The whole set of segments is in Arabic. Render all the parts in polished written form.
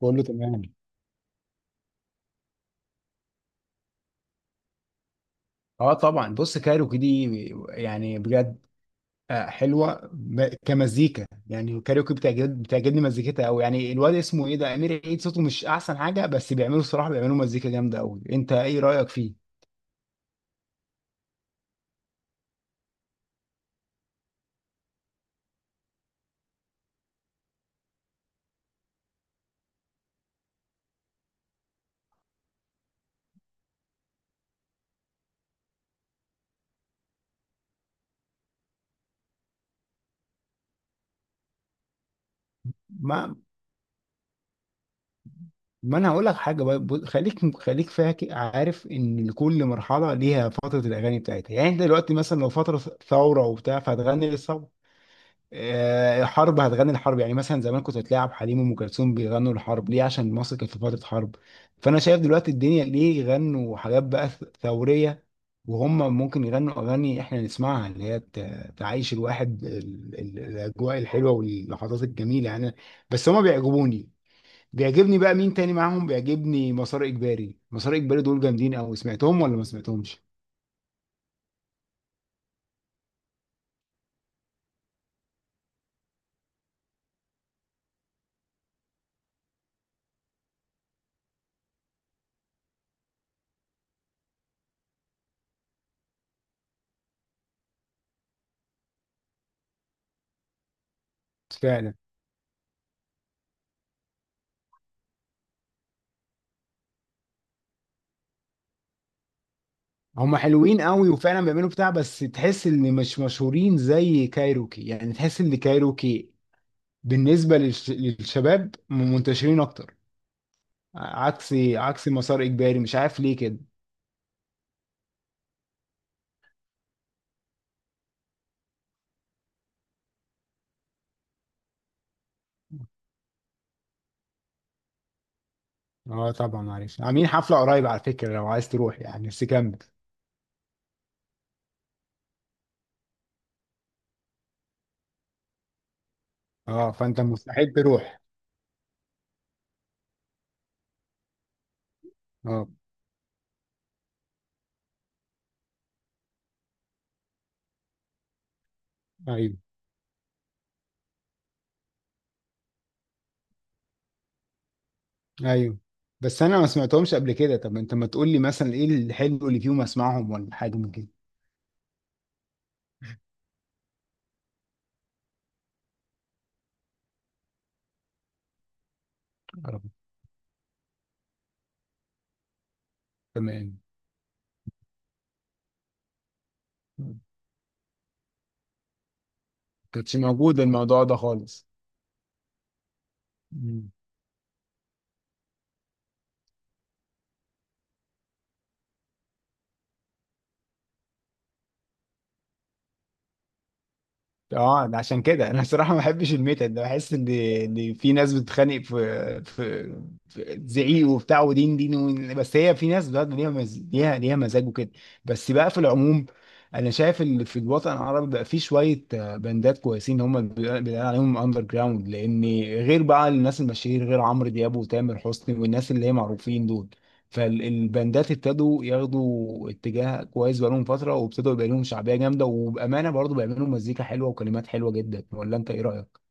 كله تمام. اه طبعا، بص كايروكي دي يعني بجد. حلوه كمزيكا يعني، كايروكي بتعجبني مزيكتها قوي. يعني الواد اسمه ايه ده؟ امير عيد صوته مش احسن حاجه، بس بيعملوا، الصراحه بيعملوا مزيكا جامده قوي. انت ايه رايك فيه؟ ما ما انا هقول لك حاجه بقى. خليك خليك فاكر، عارف ان كل مرحله ليها فتره الاغاني بتاعتها. يعني انت دلوقتي مثلا لو فتره ثوره وبتاع، فهتغني للثوره. حرب، هتغني الحرب. يعني مثلا زمان كنت تلاعب حليم وام كلثوم بيغنوا الحرب ليه؟ عشان مصر كانت في فتره حرب. فانا شايف دلوقتي الدنيا ليه يغنوا حاجات بقى ثوريه. وهم ممكن يغنوا اغاني احنا نسمعها، اللي هي تعيش الواحد الاجواء الحلوه واللحظات الجميله يعني. بس هم بيعجبوني. بيعجبني بقى مين تاني معاهم؟ بيعجبني مسار اجباري. مسار اجباري دول جامدين قوي. سمعتهم ولا ما سمعتهمش؟ فعلا. هم حلوين قوي، وفعلا بيعملوا بتاع، بس تحس ان مش مشهورين زي كايروكي. يعني تحس ان كايروكي بالنسبه للشباب منتشرين اكتر، عكس مسار اجباري، مش عارف ليه كده. اه طبعا. معلش، عاملين حفله قريب على فكره لو عايز تروح يعني، بس كمل. اه، فانت مستحيل تروح. اه. ايوه. ايوه، بس انا ما سمعتهمش قبل كده. طب انت ما تقول لي مثلا ايه الحلو اللي فيهم، اسمعهم ولا حاجه من كده. يا رب. تمام. ما كانتش موجود الموضوع ده خالص. مم. اه، ده عشان كده انا الصراحه ما بحبش الميتال ده. بحس ان ان في ناس بتتخانق في زعيق وبتاع ودين دين بس هي في ناس بقى ليها ليها مزاج وكده. بس بقى في العموم، انا شايف ان في الوطن العربي بقى في شويه باندات كويسين، هم اللي بيقال عليهم اندر جراوند. لان غير بقى الناس المشاهير، غير عمرو دياب وتامر حسني والناس اللي هي معروفين دول، فالباندات ابتدوا ياخدوا اتجاه كويس بقالهم فترة، وابتدوا يبقى لهم شعبية جامدة، وبأمانة برضو بيعملوا مزيكا حلوة وكلمات حلوة جدا. ولا انت ايه رأيك؟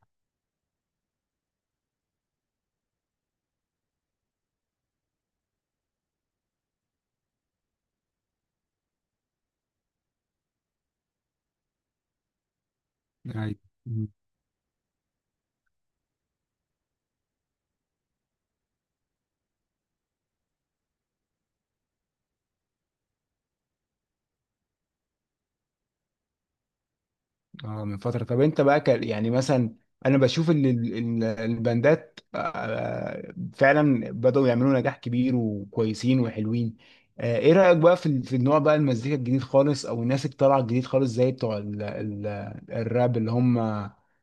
أيوة. اه، من فترة. طب انت بقى كان يعني مثلا، انا بشوف ان الباندات فعلا بدأوا يعملوا نجاح كبير وكويسين وحلوين. ايه رأيك بقى في ال- في النوع بقى المزيكا الجديد خالص، او الناس اللي طالعة الجديد خالص زي بتوع الراب، اللي هم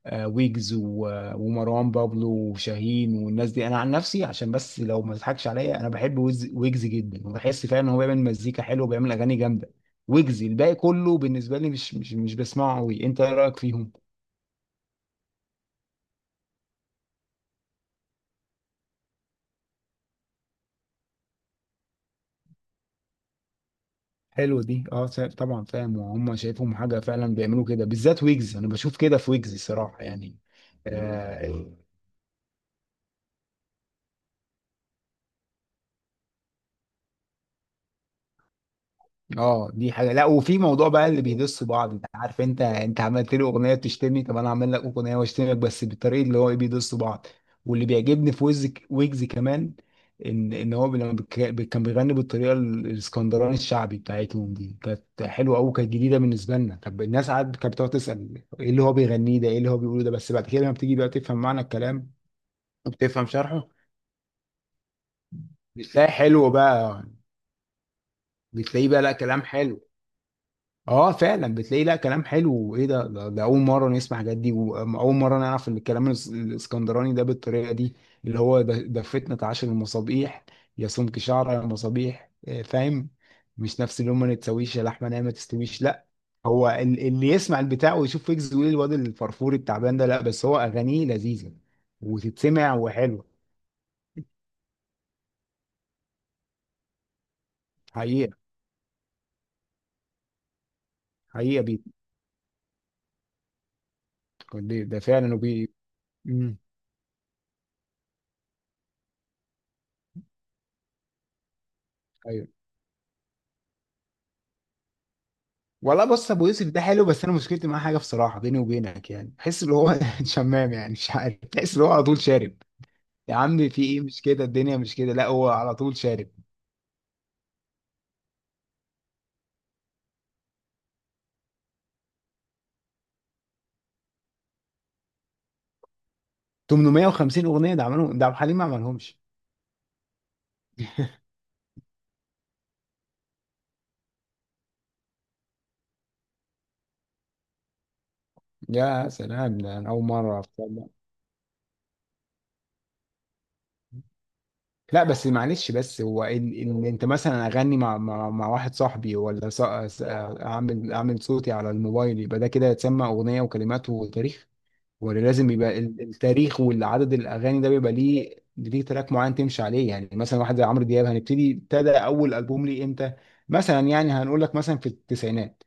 ويجز ومروان بابلو وشاهين والناس دي. انا عن نفسي، عشان بس لو ما تضحكش عليا، انا بحب ويجز جدا، وبحس فعلا ان هو بيعمل مزيكا حلوه وبيعمل اغاني جامده. ويجزي الباقي كله بالنسبه لي مش بسمعه قوي. انت ايه رايك فيهم؟ حلو دي. اه طبعا فاهم. وهم شايفهم حاجه فعلا بيعملوا كده، بالذات ويجز انا بشوف كده في ويجز الصراحه يعني. آه. اه دي حاجه. لا، وفي موضوع بقى اللي بيدس بعض. انت عارف؟ انت عملت لي اغنيه بتشتمني، طب انا اعمل لك اغنيه واشتمك، بس بالطريقه اللي هو ايه، بيدس بعض. واللي بيعجبني في ويجز، ويجز كمان، ان هو كان بيغني بالطريقه الاسكندراني الشعبي بتاعتهم دي، كانت حلوه قوي، كانت جديده بالنسبه لنا. طب الناس قعدت كانت بتقعد تسال ايه اللي هو بيغنيه ده، ايه اللي هو بيقوله ده. بس بعد كده لما بتيجي بقى تفهم معنى الكلام وبتفهم شرحه، بتلاقي حلو بقى، بتلاقيه بقى لا كلام حلو. اه فعلا، بتلاقي لا كلام حلو وايه ده. ده اول مره نسمع الحاجات دي، واول مره نعرف ان الكلام الاسكندراني ده بالطريقه دي اللي هو. ده فتنه عشر المصابيح، يا سمك شعره يا مصابيح. فاهم؟ مش نفس اللي هم ما تسويش يا لحمه نايمه ما تستويش، لا. هو ال- اللي يسمع البتاع ويشوف ويجز ويقول الواد الفرفور التعبان ده، لا بس هو اغانيه لذيذه وتتسمع وحلوه. حقيقه. حقيقه بي، ده ده فعلا، وبي. مم. أيوه. والله بص، ابو يوسف ده حلو، بس انا مشكلتي معاه حاجه بصراحه بيني وبينك. يعني بحس ان هو شمام يعني، مش عارف، بحس ان هو على طول شارب. يا عم في ايه؟ مش كده الدنيا، مش كده، لا هو على طول شارب. 850 اغنيه ده عملهم؟ ده عبد الحليم ما عملهمش. يا سلام، ده انا اول مره أعرف ده. لا بس معلش، بس هو إن انت مثلا اغني مع واحد صاحبي، ولا اعمل صوتي على الموبايل، يبقى ده كده يتسمى اغنيه وكلمات وتاريخ؟ ولا لازم يبقى ال- التاريخ والعدد الاغاني ده بيبقى ليه، تراك معين تمشي عليه. يعني مثلا واحد زي عمرو دياب هنبتدي ابتدى اول البوم ليه امتى؟ مثلا يعني هنقول لك مثلا في التسعينات.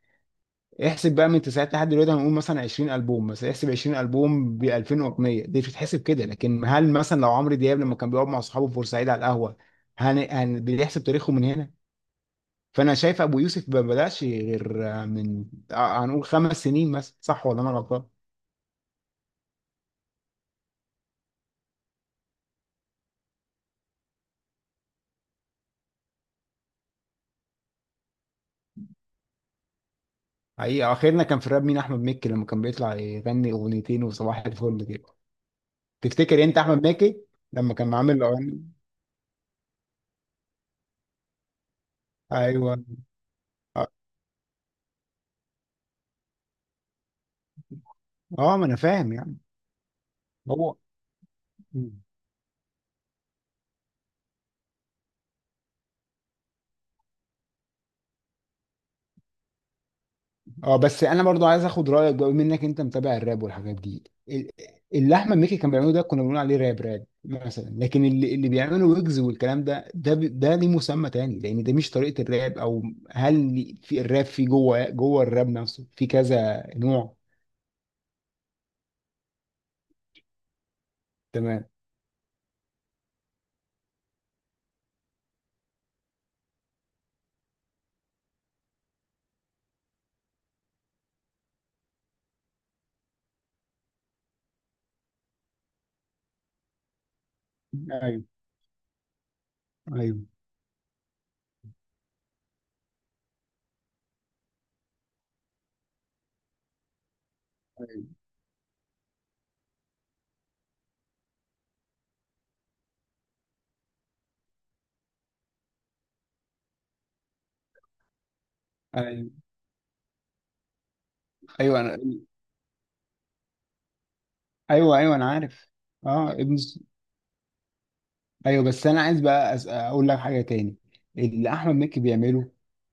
احسب بقى من التسعينات لحد دلوقتي، هنقول مثلا 20 البوم. مثلا احسب 20 البوم ب 2000 اغنيه، دي بتتحسب كده. لكن هل مثلا لو عمرو دياب لما كان بيقعد مع اصحابه في بورسعيد على القهوه بيحسب تاريخه من هنا؟ فانا شايف ابو يوسف ما بداش غير من هنقول خمس سنين مثلا، صح ولا انا غلطان؟ حقيقة آخرنا كان في الراب مين؟ أحمد مكي، لما كان بيطلع يغني أغنيتين وصباح الفل كده. تفتكر أنت أحمد مكي لما كان عامل أغاني؟ أيوه. أه. ما أنا فاهم يعني. هو. أه بس أنا برضو عايز آخد رأيك بقى، بما إنك أنت متابع الراب والحاجات دي. ال- اللي أحمد مكي كان بيعمله ده كنا بنقول عليه راب، راب مثلا. لكن اللي بيعمله ويجز والكلام ده ده ده ليه مسمى تاني؟ لأن ده مش طريقة الراب. أو في الراب في جوه الراب نفسه في كذا نوع؟ تمام. ايوه. ايوه. ايوه. ايوه أنا... ايوه، ايوه انا عارف. اه ابن ايوه بس انا عايز بقى اقول لك حاجه تاني. اللي احمد مكي بيعمله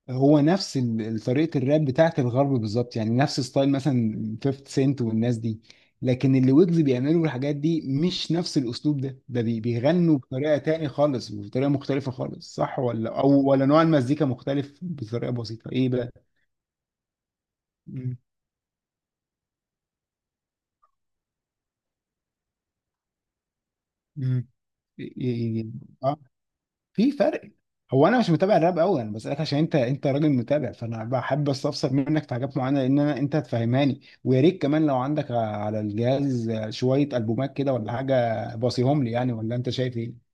هو نفس ال- طريقه الراب بتاعت الغرب بالظبط، يعني نفس ستايل مثلا 50 سنت والناس دي. لكن اللي ويجز بيعملوا الحاجات دي مش نفس الاسلوب ده. ده بيغنوا بطريقه تاني خالص، بطريقه مختلفه خالص، صح ولا؟ او ولا نوع المزيكا مختلف بطريقه بسيطه، ايه بقى؟ امم. امم. إيه... إيه... إيه. آه. في فرق. هو انا مش متابع الراب قوي، انا بسالك عشان انت راجل متابع، فانا بحب استفسر منك في حاجات معينه، لان انا انت هتفهماني. ويا ريت كمان لو عندك على الجهاز شويه البومات كده ولا حاجه، باصيهم لي يعني، ولا انت شايف ايه؟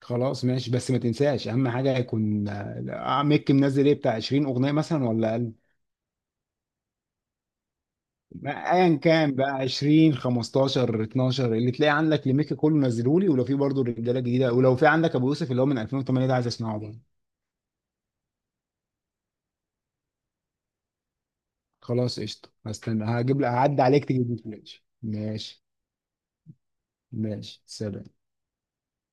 خلاص ماشي، بس ما تنساش اهم حاجه يكون ميك منزل ايه، بتاع 20 اغنيه مثلا ولا اقل؟ ايا كان بقى، 20 15 12 اللي تلاقي عندك لميك كله نزله لي. ولو في برضه رجاله جديده، ولو في عندك ابو يوسف اللي هو من 2008 ده، عايز اسمعه برضه. خلاص قشطة، هستنى هجيب لك، هعدي عليك تجيب لي فلاش، ماشي. ماشي سلام.